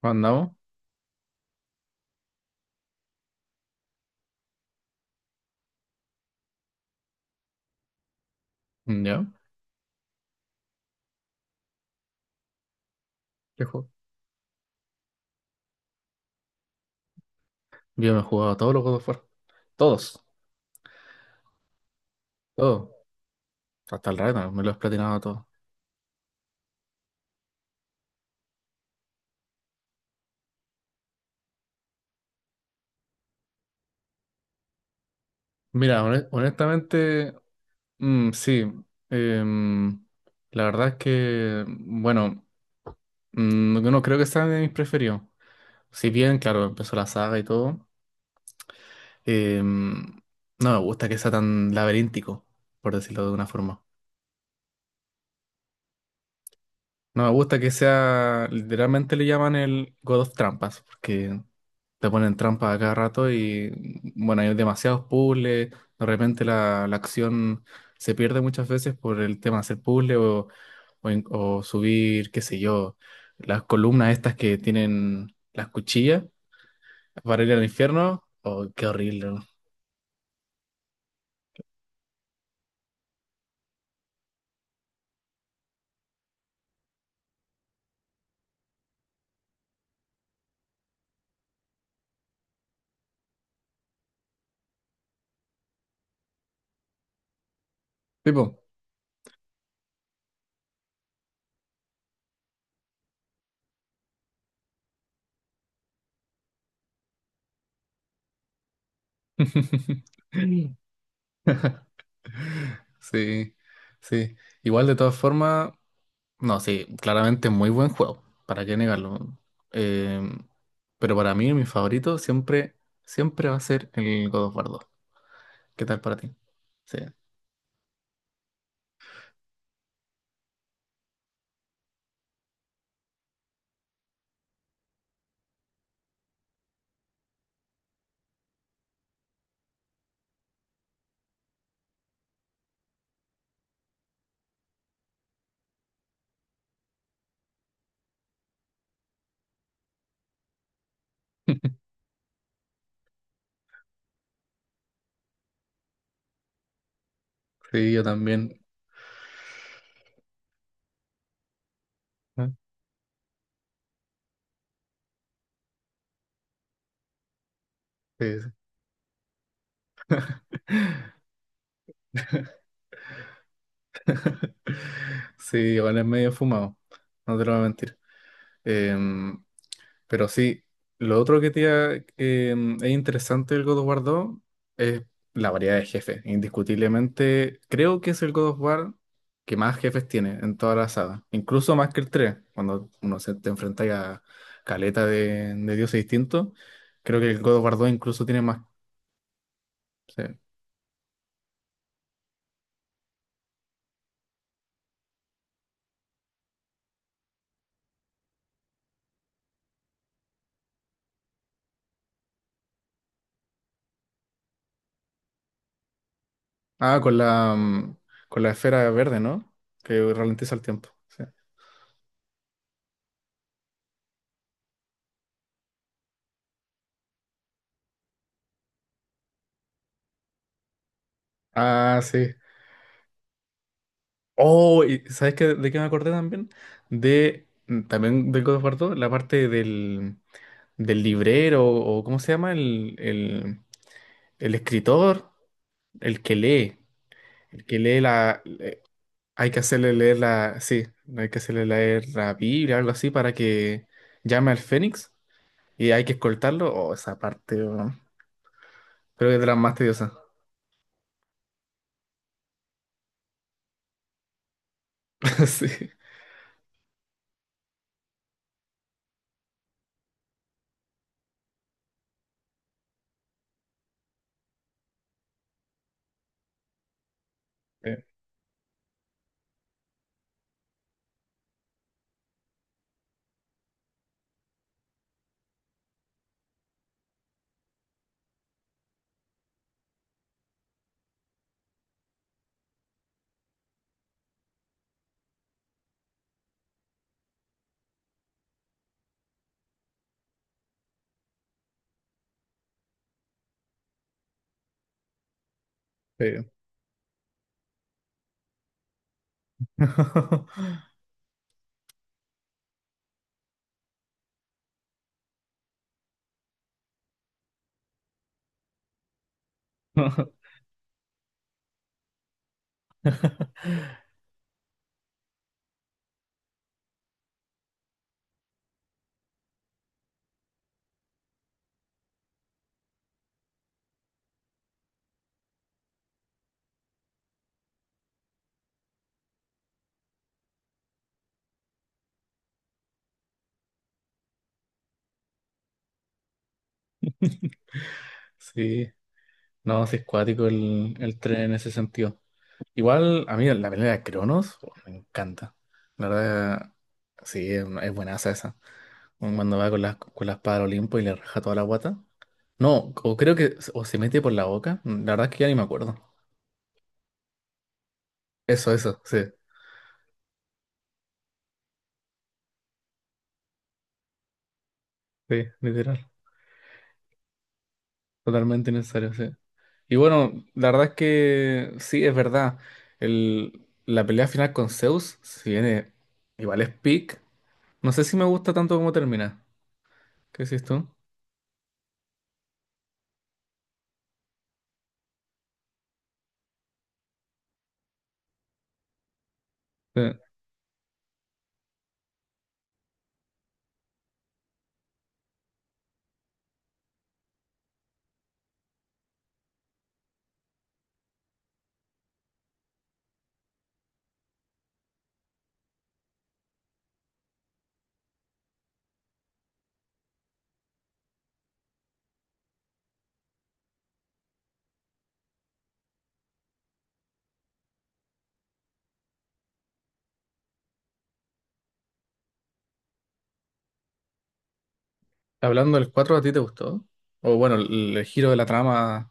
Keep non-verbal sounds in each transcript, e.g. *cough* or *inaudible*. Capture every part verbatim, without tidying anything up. Juan, ¿andamos? Mm, ¿ya? ¿Qué juego? Yo me he jugado todos los God of War. Todos, todos. Hasta el rato, me lo he platinado todo. Mira, hone- honestamente, mm, sí. Em, la verdad es que, bueno, mm, no creo que sea de mis preferidos. Si bien, claro, empezó la saga y todo, em, no me gusta que sea tan laberíntico, por decirlo de una forma. No me gusta que sea, literalmente le llaman el God of Trampas, porque te ponen trampas a cada rato y bueno, hay demasiados puzzles, de repente la, la acción se pierde muchas veces por el tema de hacer puzzles o, o, en- o subir, qué sé yo, las columnas estas que tienen las cuchillas para ir al infierno. Oh, qué horrible, ¿no? Tipo. *laughs* Sí, sí. Igual de todas formas, no, sí, claramente muy buen juego, ¿para qué negarlo? Eh, pero para mí, mi favorito siempre, siempre va a ser el God of War dos. ¿Qué tal para ti? Sí, *laughs* sí, yo también. ¿Eh? Sí, sí. *laughs* Sí, igual es medio fumado, no te lo voy a mentir. Eh, Pero sí, lo otro que te iba- em, es interesante del God of War dos es la variedad de jefes. Indiscutiblemente, creo que es el God of War que más jefes tiene en toda la saga. Incluso más que el tres cuando uno se te enfrenta a caleta de, de dioses distintos. Creo que el God of War dos incluso tiene más. Sí. Ah, con la, mm, con la esfera verde, ¿no? Que ralentiza el tiempo. Sí. Ah, sí. Oh, y ¿sabes qué, de qué me acordé también? De, mm, también del God of War dos, la parte del, del librero, o ¿cómo se llama? El, el, el escritor, el que lee, el que lee la... le- hay que hacerle leer la... Sí, hay que hacerle leer la Biblia, algo así, para que llame al Fénix, y hay que escoltarlo. Oh, esa parte, oh, creo que es de las más tediosas. *laughs* Sí. eh, sí. *laughs* Sí. No, sí es cuático el, el tren en ese sentido. Igual, a mí la pelea de Cronos, oh, me encanta. La verdad, sí, es, es buenaza esa. Cuando va con la, con la espada al Olimpo y le raja toda la guata. No, o creo que, o se mete por la boca. Mm, la verdad es que ya ni me acuerdo. Eso, eso, sí. Sí, literal. Totalmente necesario, sí. Y bueno, la verdad es que sí, es verdad. El, la pelea final con Zeus, si viene, igual es peak. No sé si me gusta tanto como termina. ¿Qué decís tú? Eh, Hablando del cuatro, ¿a ti te gustó? O bueno, el, el giro de la trama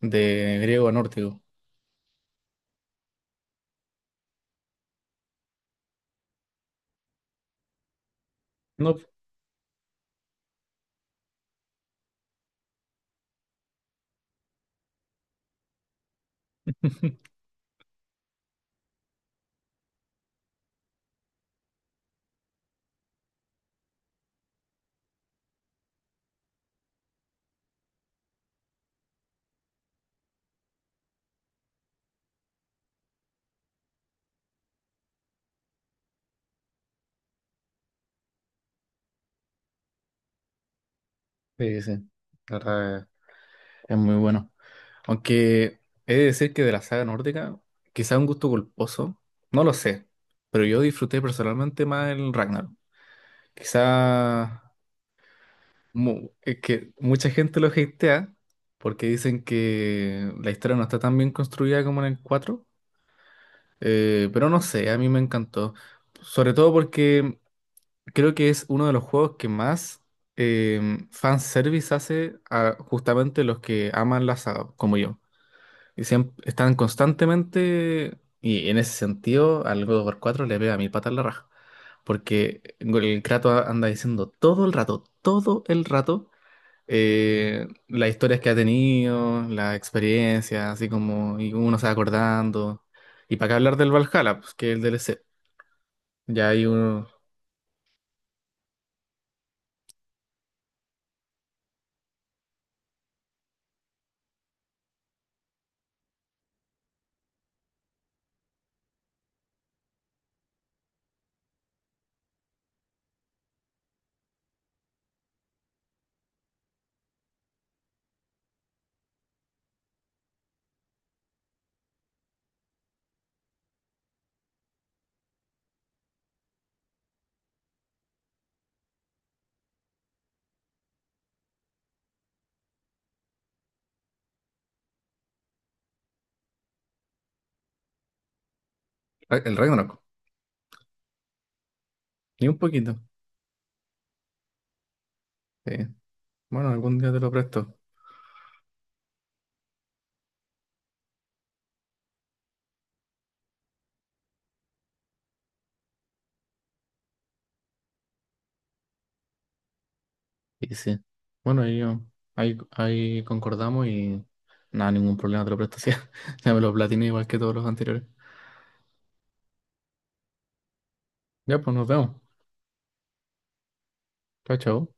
de griego a nórdico. No, sí, sí. La verdad es es muy bueno. Aunque he de decir que de la saga nórdica, quizá un gusto culposo, no lo sé, pero yo disfruté personalmente más el Ragnarok. Quizá mu- es que mucha gente lo hatea porque dicen que la historia no está tan bien construida como en el cuatro. eh, pero no sé, a mí me encantó. Sobre todo porque creo que es uno de los juegos que más fan fanservice hace a justamente los que aman la saga, como yo. Y siem- están constantemente, y en ese sentido, al God of War cuatro le pega mil patas en la raja. Porque el Kratos anda diciendo todo el rato, todo el rato, eh, las historias que ha tenido, las experiencias, así como, y uno se va acordando. Y para qué hablar del Valhalla, pues que es el D L C. Ya hay uno. El Ragnarok, ni un poquito. Sí. Bueno, algún día te lo presto. Y sí. Bueno, ahí, yo- ahí, ahí concordamos y nada, ningún problema, te lo presto. Sí, *laughs* ya me lo platiné igual que todos los anteriores. Ya, pues nos vemos. Chao, chao.